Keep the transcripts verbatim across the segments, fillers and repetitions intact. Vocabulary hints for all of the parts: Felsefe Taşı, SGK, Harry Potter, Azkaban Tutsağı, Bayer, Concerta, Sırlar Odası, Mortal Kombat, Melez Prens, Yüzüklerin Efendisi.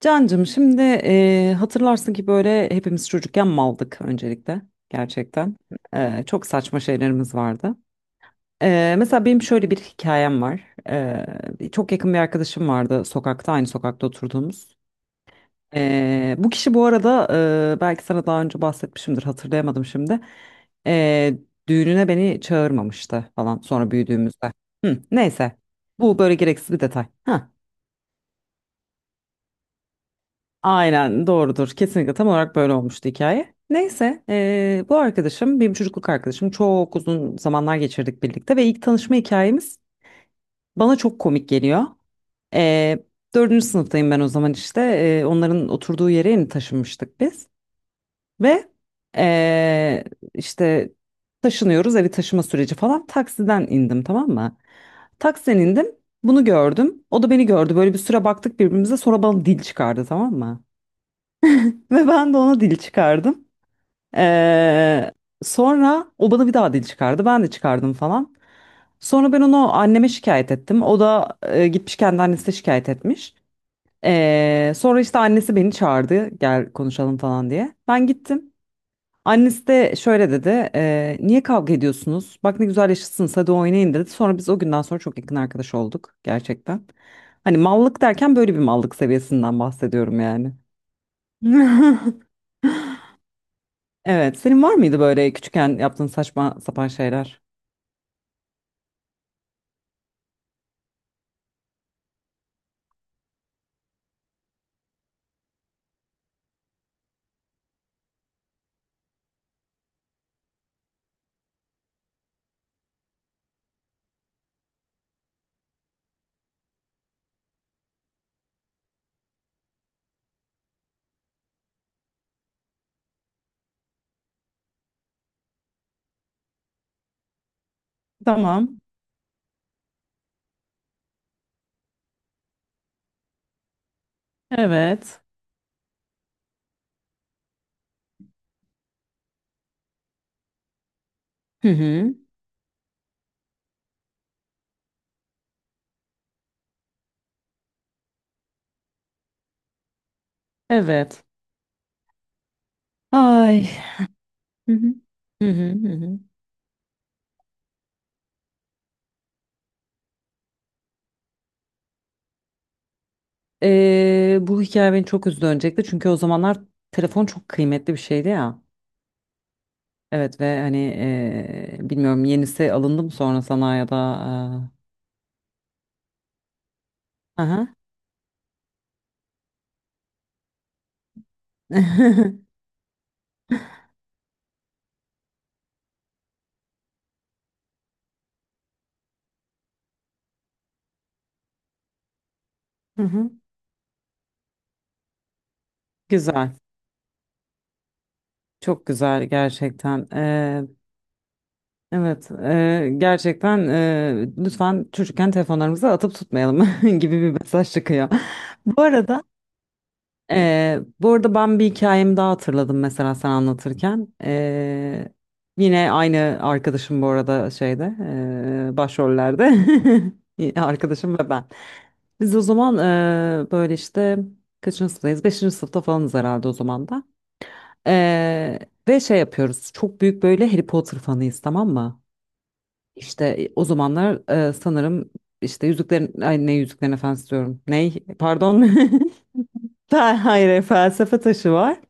Cancım şimdi eee, hatırlarsın ki böyle hepimiz çocukken maldık öncelikle gerçekten. Eee, çok saçma şeylerimiz vardı. Eee, mesela benim şöyle bir hikayem var. Eee, çok yakın bir arkadaşım vardı sokakta aynı sokakta oturduğumuz. Eee, bu kişi bu arada eee, belki sana daha önce bahsetmişimdir, hatırlayamadım şimdi. Eee, düğününe beni çağırmamıştı falan sonra büyüdüğümüzde. Hı, neyse bu böyle gereksiz bir detay. Heh. Aynen doğrudur. Kesinlikle tam olarak böyle olmuştu hikaye. Neyse eee, bu arkadaşım benim çocukluk arkadaşım, çok uzun zamanlar geçirdik birlikte ve ilk tanışma hikayemiz bana çok komik geliyor. Eee dördüncü sınıftayım ben o zaman, işte Eee, onların oturduğu yere yeni taşınmıştık biz ve eee, işte taşınıyoruz, evi taşıma süreci falan, taksiden indim, tamam mı? Taksiden indim, bunu gördüm, o da beni gördü, böyle bir süre baktık birbirimize, sonra bana dil çıkardı, tamam mı? Ve ben de ona dil çıkardım. Ee, sonra o bana bir daha dil çıkardı. Ben de çıkardım falan. Sonra ben onu anneme şikayet ettim. O da e, gitmiş kendi annesine şikayet etmiş. Ee, sonra işte annesi beni çağırdı. Gel konuşalım falan diye. Ben gittim. Annesi de şöyle dedi. "Ee, niye kavga ediyorsunuz? Bak ne güzel yaşıtsınız, hadi oynayın" dedi. Sonra biz o günden sonra çok yakın arkadaş olduk gerçekten. Hani mallık derken böyle bir mallık seviyesinden bahsediyorum yani. Evet. Senin var mıydı böyle küçükken yaptığın saçma sapan şeyler? Tamam. Evet. Hı hı. Evet. Ay. Hı hı. Hı hı hı. hı. Ee, bu hikaye beni çok üzdü öncelikle, çünkü o zamanlar telefon çok kıymetli bir şeydi ya. Evet ve hani ee, bilmiyorum yenisi alındı mı sonra sana ya da ee, Aha. Hı hı. Güzel. Çok güzel gerçekten. Evet, e, gerçekten e, lütfen çocukken telefonlarımızı atıp tutmayalım gibi bir mesaj çıkıyor. Bu arada, e, bu arada ben bir hikayemi daha hatırladım mesela sen anlatırken. E, yine aynı arkadaşım bu arada şeyde, e, başrollerde arkadaşım ve ben. Biz o zaman e, böyle işte kaçıncı sınıftayız? Beşinci sınıfta falanız herhalde o zaman da. E, ve şey yapıyoruz. Çok büyük böyle Harry Potter fanıyız, tamam mı? İşte e, o zamanlar e, sanırım işte Yüzüklerin ay ne Yüzüklerin Efendisi diyorum. Ney? Pardon. Fel- Hayır, e, Felsefe Taşı var.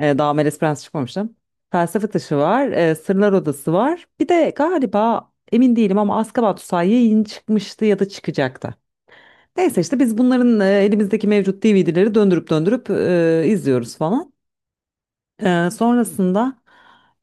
E, daha Melez Prens çıkmamıştım. Felsefe Taşı var. e, Sırlar Odası var. Bir de galiba emin değilim ama Azkaban Tutsağı yeni çıkmıştı ya da çıkacaktı. Neyse işte biz bunların e, elimizdeki mevcut D V D'leri döndürüp döndürüp e, izliyoruz falan. E, sonrasında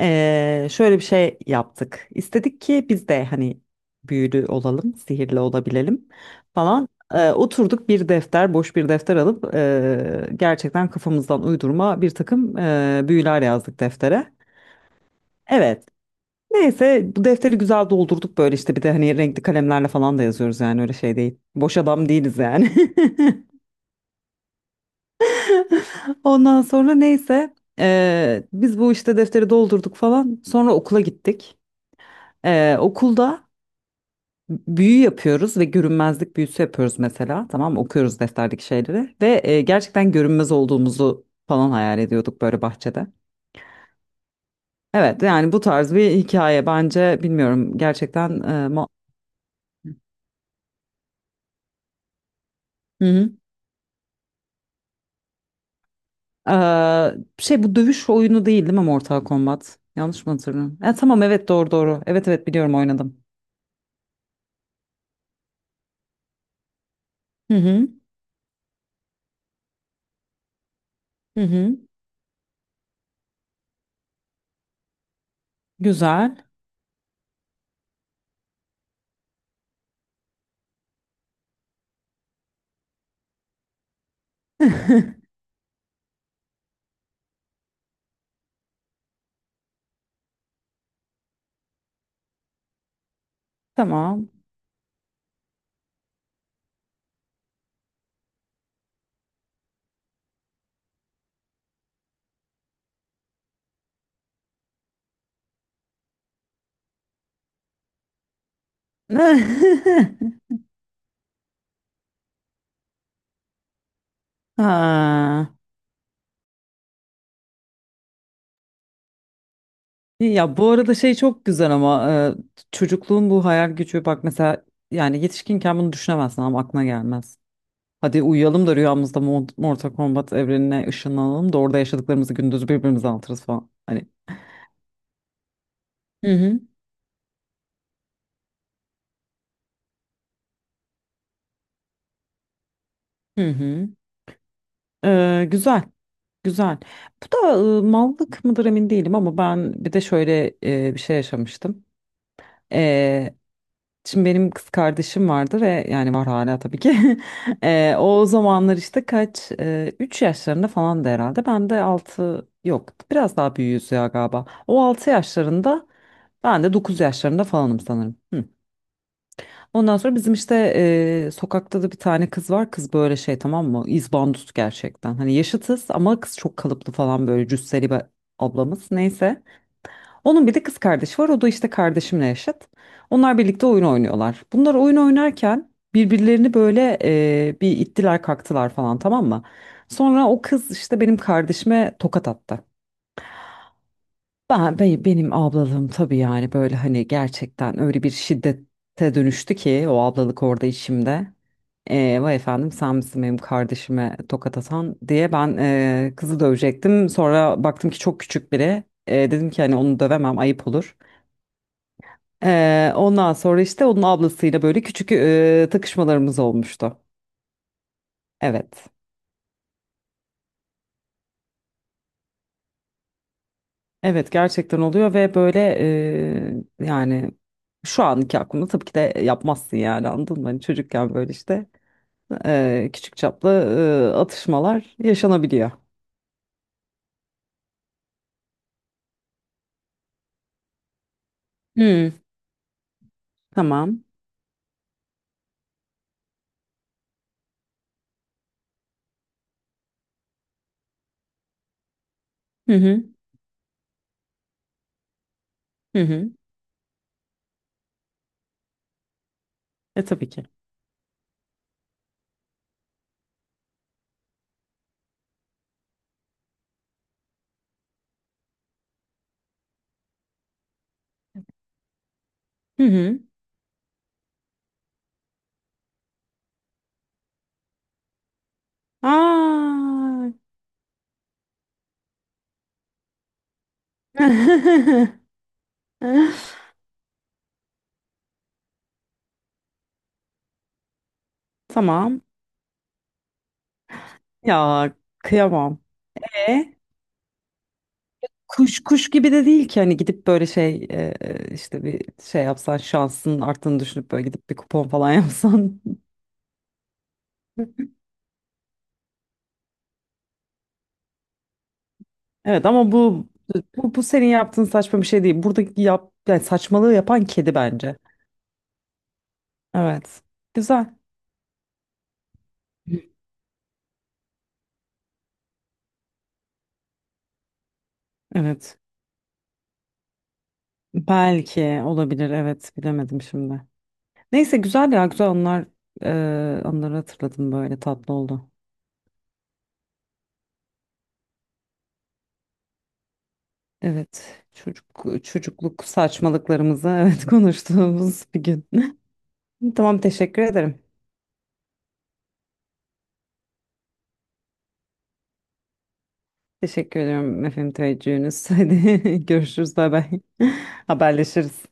Ee, şöyle bir şey yaptık. İstedik ki biz de hani büyülü olalım, sihirli olabilelim falan. Ee, oturduk bir defter, boş bir defter alıp ee, gerçekten kafamızdan uydurma bir takım ee, büyüler yazdık deftere. Evet. Neyse bu defteri güzel doldurduk böyle, işte bir de hani renkli kalemlerle falan da yazıyoruz, yani öyle şey değil. Boş adam değiliz yani. Ondan sonra neyse ee, biz bu işte defteri doldurduk falan. Sonra okula gittik. Ee, okulda büyü yapıyoruz ve görünmezlik büyüsü yapıyoruz mesela. Tamam mı? Okuyoruz defterdeki şeyleri ve e, gerçekten görünmez olduğumuzu falan hayal ediyorduk böyle bahçede. Evet yani bu tarz bir hikaye, bence bilmiyorum gerçekten. E, ma- Hı hı. E, şey bu dövüş oyunu değil, değil mi Mortal Kombat? Yanlış mı hatırlıyorum? E, tamam evet, doğru doğru. Evet evet, biliyorum, oynadım. Hı hı. Hı hı. Güzel. Tamam. Ha. İyi. Ya bu arada şey çok güzel ama e, çocukluğun bu hayal gücü bak mesela, yani yetişkinken bunu düşünemezsin, ama aklına gelmez. Hadi uyuyalım da rüyamızda Mo- Mortal Kombat evrenine ışınlanalım da orada yaşadıklarımızı gündüz birbirimize anlatırız falan. Hani. Hı hı. Hı hı. E, güzel. Güzel. Bu da e, mallık mıdır emin değilim ama ben bir de şöyle e, bir şey yaşamıştım. Şimdi benim kız kardeşim vardı ve yani var hala tabii ki. Eee, o zamanlar işte kaç, üç yaşlarında falan da herhalde. Ben de altı, yok biraz daha büyüğüz ya galiba. O altı yaşlarında, ben de dokuz yaşlarında falanım sanırım. Hı. Ondan sonra bizim işte eee, sokakta da bir tane kız var. Kız böyle şey, tamam mı? İzbandut gerçekten. Hani yaşıtız ama kız çok kalıplı falan, böyle cüsseli bir ablamız. Neyse. Onun bir de kız kardeşi var. O da işte kardeşimle yaşıt. Onlar birlikte oyun oynuyorlar. Bunlar oyun oynarken birbirlerini böyle e, bir ittiler kaktılar falan, tamam mı? Sonra o kız işte benim kardeşime tokat attı. Ben, be- benim ablalığım tabii, yani böyle hani gerçekten öyle bir şiddete dönüştü ki o ablalık orada içimde. E, vay efendim sen misin benim kardeşime tokat atan diye ben e, kızı dövecektim. Sonra baktım ki çok küçük biri. E, dedim ki hani onu dövemem, ayıp olur. Ee, ondan sonra işte onun ablasıyla böyle küçük e, takışmalarımız olmuştu. Evet. Evet, gerçekten oluyor ve böyle e, yani şu anki aklımda tabii ki de yapmazsın yani, anladın mı? Hani çocukken böyle işte e, küçük çaplı e, atışmalar yaşanabiliyor. Hı, tamam. Hı hı hı hı. E tabii ki. Hı hı. Aa. Tamam. Ya, kıyamam. E? Kuş kuş gibi de değil ki hani, gidip böyle şey e, işte bir şey yapsan şansın arttığını düşünüp böyle gidip bir kupon falan yapsan. Evet ama bu bu, bu senin yaptığın saçma bir şey değil. Buradaki yap yani, saçmalığı yapan kedi bence. Evet. Güzel. Evet. Belki olabilir. Evet. Bilemedim şimdi. Neyse, güzel ya, güzel anlar e, anları hatırladım, böyle tatlı oldu. Evet. Çocuk çocukluk saçmalıklarımızı evet konuştuğumuz bir gün. Tamam, teşekkür ederim. Teşekkür ediyorum efendim, teveccühünüz. Hadi görüşürüz, bay bay. Haberleşiriz.